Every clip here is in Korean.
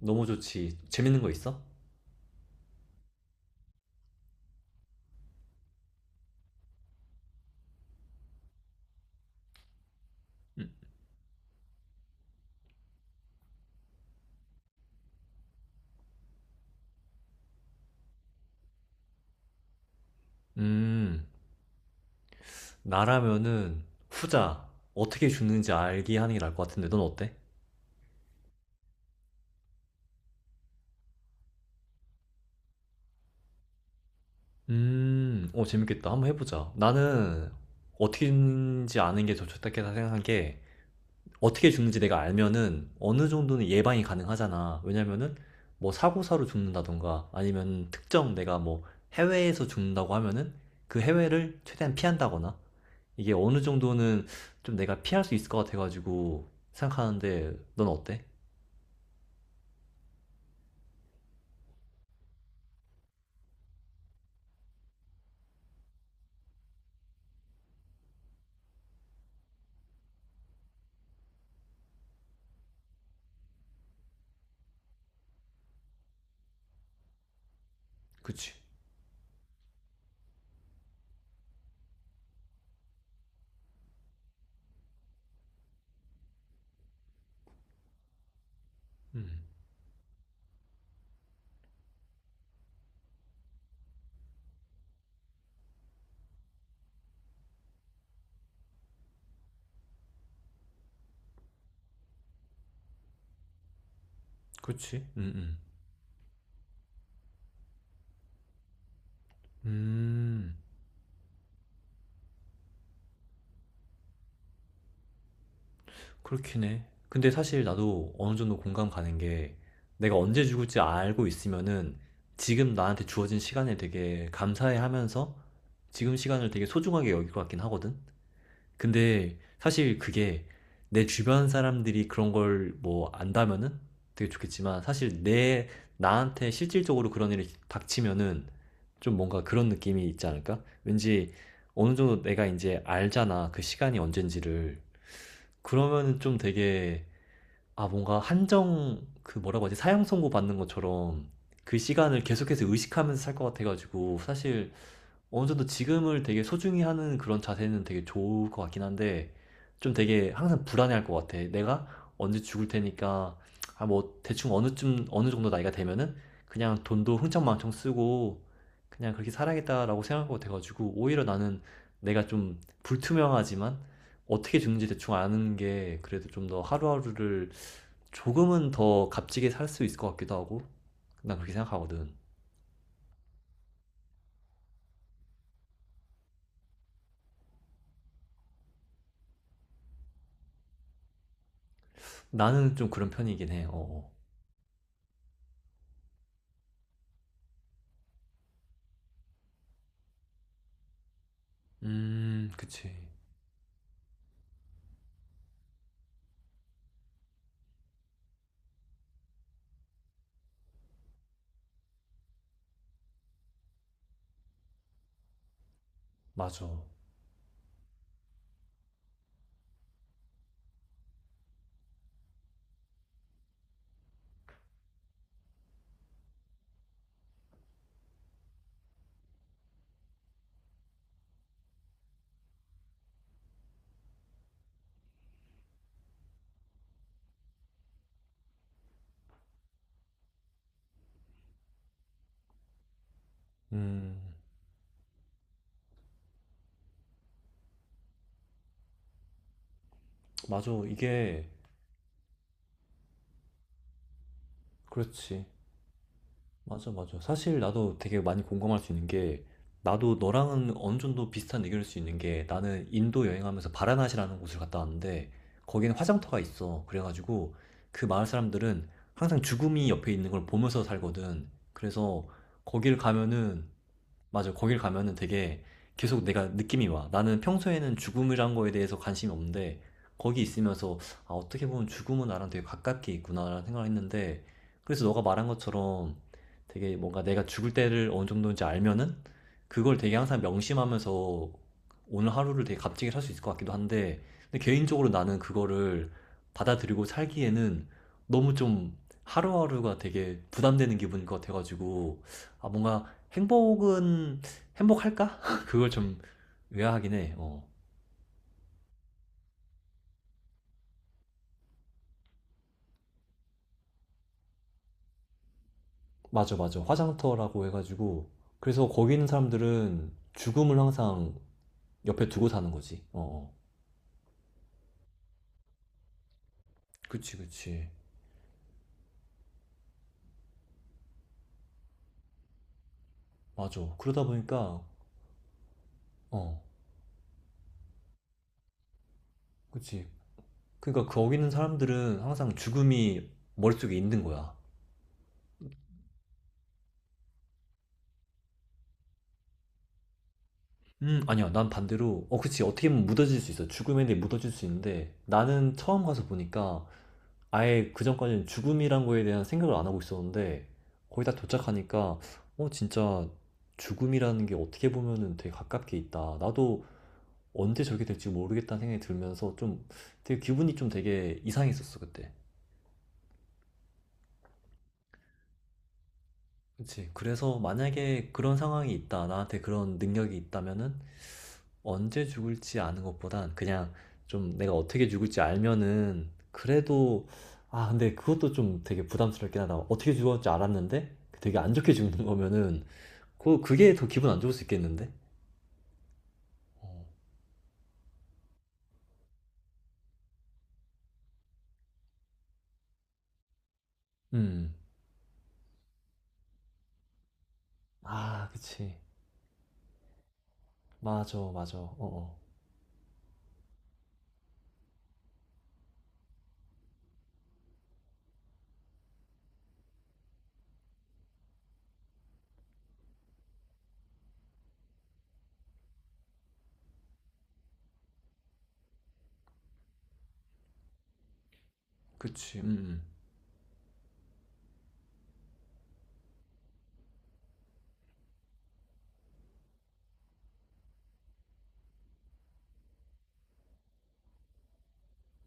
너무 좋지. 재밌는 거 있어? 음. 음, 나라면은 후자 어떻게 죽는지 알게 하는 게 나을 것 같은데 넌 어때? 재밌겠다. 한번 해보자. 나는 어떻게 죽는지 아는 게 더 좋다 생각한 게 어떻게 죽는지 내가 알면은 어느 정도는 예방이 가능하잖아. 왜냐면은 사고사로 죽는다던가 아니면 특정 내가 해외에서 죽는다고 하면은 그 해외를 최대한 피한다거나 이게 어느 정도는 좀 내가 피할 수 있을 것 같아가지고 생각하는데 넌 어때? 그치? 음, 그치? 음, 그렇긴 해. 근데 사실 나도 어느 정도 공감 가는 게 내가 언제 죽을지 알고 있으면은 지금 나한테 주어진 시간에 되게 감사해 하면서 지금 시간을 되게 소중하게 여길 것 같긴 하거든? 근데 사실 그게 내 주변 사람들이 그런 걸 뭐 안다면은 되게 좋겠지만 사실 내 나한테 실질적으로 그런 일이 닥치면은 좀 뭔가 그런 느낌이 있지 않을까? 왠지 어느 정도 내가 이제 알잖아. 그 시간이 언젠지를. 그러면은 좀 되게 아 뭔가 한정 그 뭐라고 하지? 사형 선고 받는 것처럼 그 시간을 계속해서 의식하면서 살 것 같아가지고 사실 어느 정도 지금을 되게 소중히 하는 그런 자세는 되게 좋을 것 같긴 한데, 좀 되게 항상 불안해할 것 같아. 내가 언제 죽을 테니까, 아, 뭐, 대충 어느쯤, 어느 정도 나이가 되면은, 그냥 돈도 흥청망청 쓰고, 그냥 그렇게 살아야겠다라고 생각할 것 같아가지고, 오히려 나는 내가 좀 불투명하지만, 어떻게 죽는지 대충 아는 게 그래도 좀 더 하루하루를 조금은 더 값지게 살 수 있을 것 같기도 하고, 난 그렇게 생각하거든. 나는 좀 그런 편이긴 해. 어. 어. 그치. 맞아. 음, 맞아. 이게, 그렇지. 맞아, 맞아. 사실 나도 되게 많이 공감할 수 있는 게, 나도 너랑은 어느 정도 비슷한 의견일 수 있는 게, 나는 인도 여행하면서 바라나시라는 곳을 갔다 왔는데, 거기는 화장터가 있어. 그래가지고, 그 마을 사람들은 항상 죽음이 옆에 있는 걸 보면서 살거든. 그래서, 거기를 가면은, 맞아. 거길 가면은 되게 계속 내가 느낌이 와. 나는 평소에는 죽음이란 거에 대해서 관심이 없는데 거기 있으면서 아, 어떻게 보면 죽음은 나랑 되게 가깝게 있구나라는 생각을 했는데 그래서 너가 말한 것처럼 되게 뭔가 내가 죽을 때를 어느 정도인지 알면은 그걸 되게 항상 명심하면서 오늘 하루를 되게 값지게 살 수 있을 것 같기도 한데 근데 개인적으로 나는 그거를 받아들이고 살기에는 너무 좀 하루하루가 되게 부담되는 기분인 것 같아가지고 아 뭔가 행복은 행복할까? 그걸 좀 의아하긴 해. 어. 맞아, 맞아. 화장터라고 해가지고. 그래서 거기 있는 사람들은 죽음을 항상 옆에 두고 사는 거지. 어, 어. 그치, 그치. 맞아. 그러다 보니까, 어, 그치. 그러니까 거기 있는 사람들은 항상 죽음이 머릿속에 있는 거야. 아니야. 난 반대로, 어, 그치. 어떻게 보면 묻어질 수 있어. 죽음에 대해 묻어질 수 있는데, 나는 처음 가서 보니까, 아예 그전까지는 죽음이란 거에 대한 생각을 안 하고 있었는데 거의 다 도착하니까 진짜 죽음이라는 게 어떻게 보면은 되게 가깝게 있다. 나도 언제 저게 될지 모르겠다는 생각이 들면서 좀 되게 기분이 좀 되게 이상했었어 그때. 그치. 그래서 만약에 그런 상황이 있다. 나한테 그런 능력이 있다면은 언제 죽을지 아는 것보단 그냥 좀 내가 어떻게 죽을지 알면은 그래도 아 근데 그것도 좀 되게 부담스럽긴 하다. 어떻게 죽었지 알았는데 되게 안 좋게 죽는 거면은 그게 더 기분 안 좋을 수 있겠는데? 어. 음. 아, 그치. 맞아, 맞아. 어, 어. 그치. 음.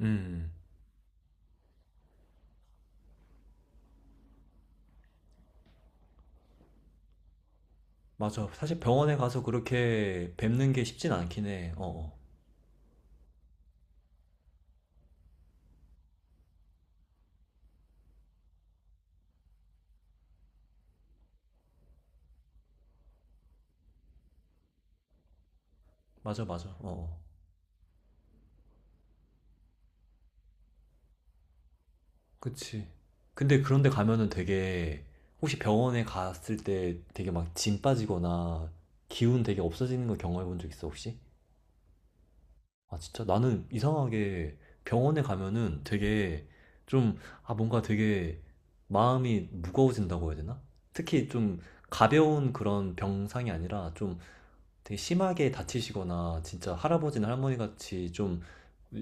음. 음. 맞아. 사실 병원에 가서 그렇게 뵙는 게 쉽진 않긴 해. 어. 어. 맞아, 맞아. 어. 어. 그치. 근데 그런데 가면은 되게 혹시 병원에 갔을 때 되게 막 짐 빠지거나 기운 되게 없어지는 거 경험해 본 적 있어 혹시? 아 진짜 나는 이상하게 병원에 가면은 되게 좀 아 뭔가 되게 마음이 무거워진다고 해야 되나? 특히 좀 가벼운 그런 병상이 아니라 좀 되게 심하게 다치시거나 진짜 할아버지나 할머니 같이 좀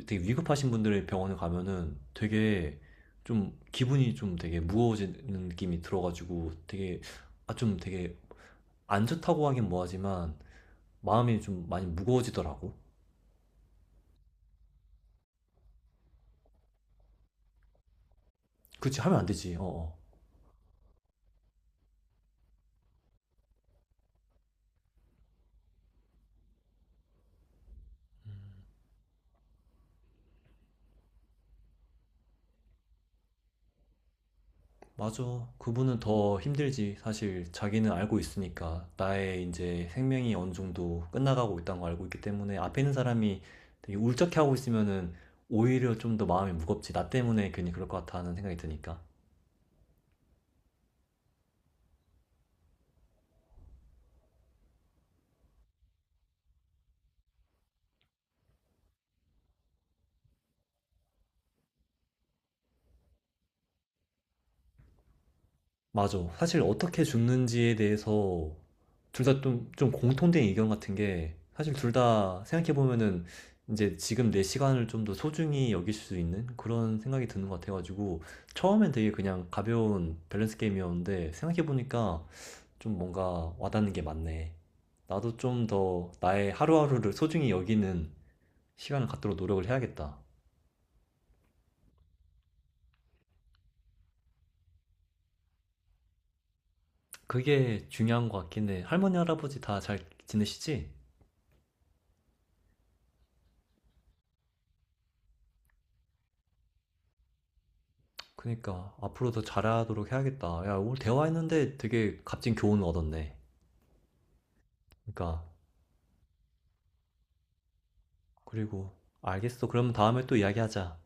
되게 위급하신 분들의 병원에 가면은 되게 좀 기분이 좀 되게 무거워지는 느낌이 들어가지고 되게 아 좀 되게 안 좋다고 하긴 뭐하지만 마음이 좀 많이 무거워지더라고. 그치 하면 안 되지. 어어. 맞아. 그분은 더 힘들지. 사실 자기는 알고 있으니까 나의 이제 생명이 어느 정도 끝나가고 있다는 걸 알고 있기 때문에 앞에 있는 사람이 되게 울적해 하고 있으면은 오히려 좀 더 마음이 무겁지. 나 때문에 괜히 그럴 것 같아 하는 생각이 드니까. 맞아. 사실 어떻게 죽는지에 대해서 둘 다 좀, 공통된 의견 같은 게 사실 둘 다 생각해보면은 이제 지금 내 시간을 좀 더 소중히 여길 수 있는 그런 생각이 드는 것 같아가지고 처음엔 되게 그냥 가벼운 밸런스 게임이었는데 생각해보니까 좀 뭔가 와닿는 게 많네. 나도 좀 더 나의 하루하루를 소중히 여기는 시간을 갖도록 노력을 해야겠다. 그게 중요한 것 같긴 해. 할머니, 할아버지 다 잘 지내시지? 그니까 앞으로 더 잘하도록 해야겠다. 야, 오늘 대화했는데 되게 값진 교훈을 얻었네. 그니까 그리고 알겠어. 그러면 다음에 또 이야기하자.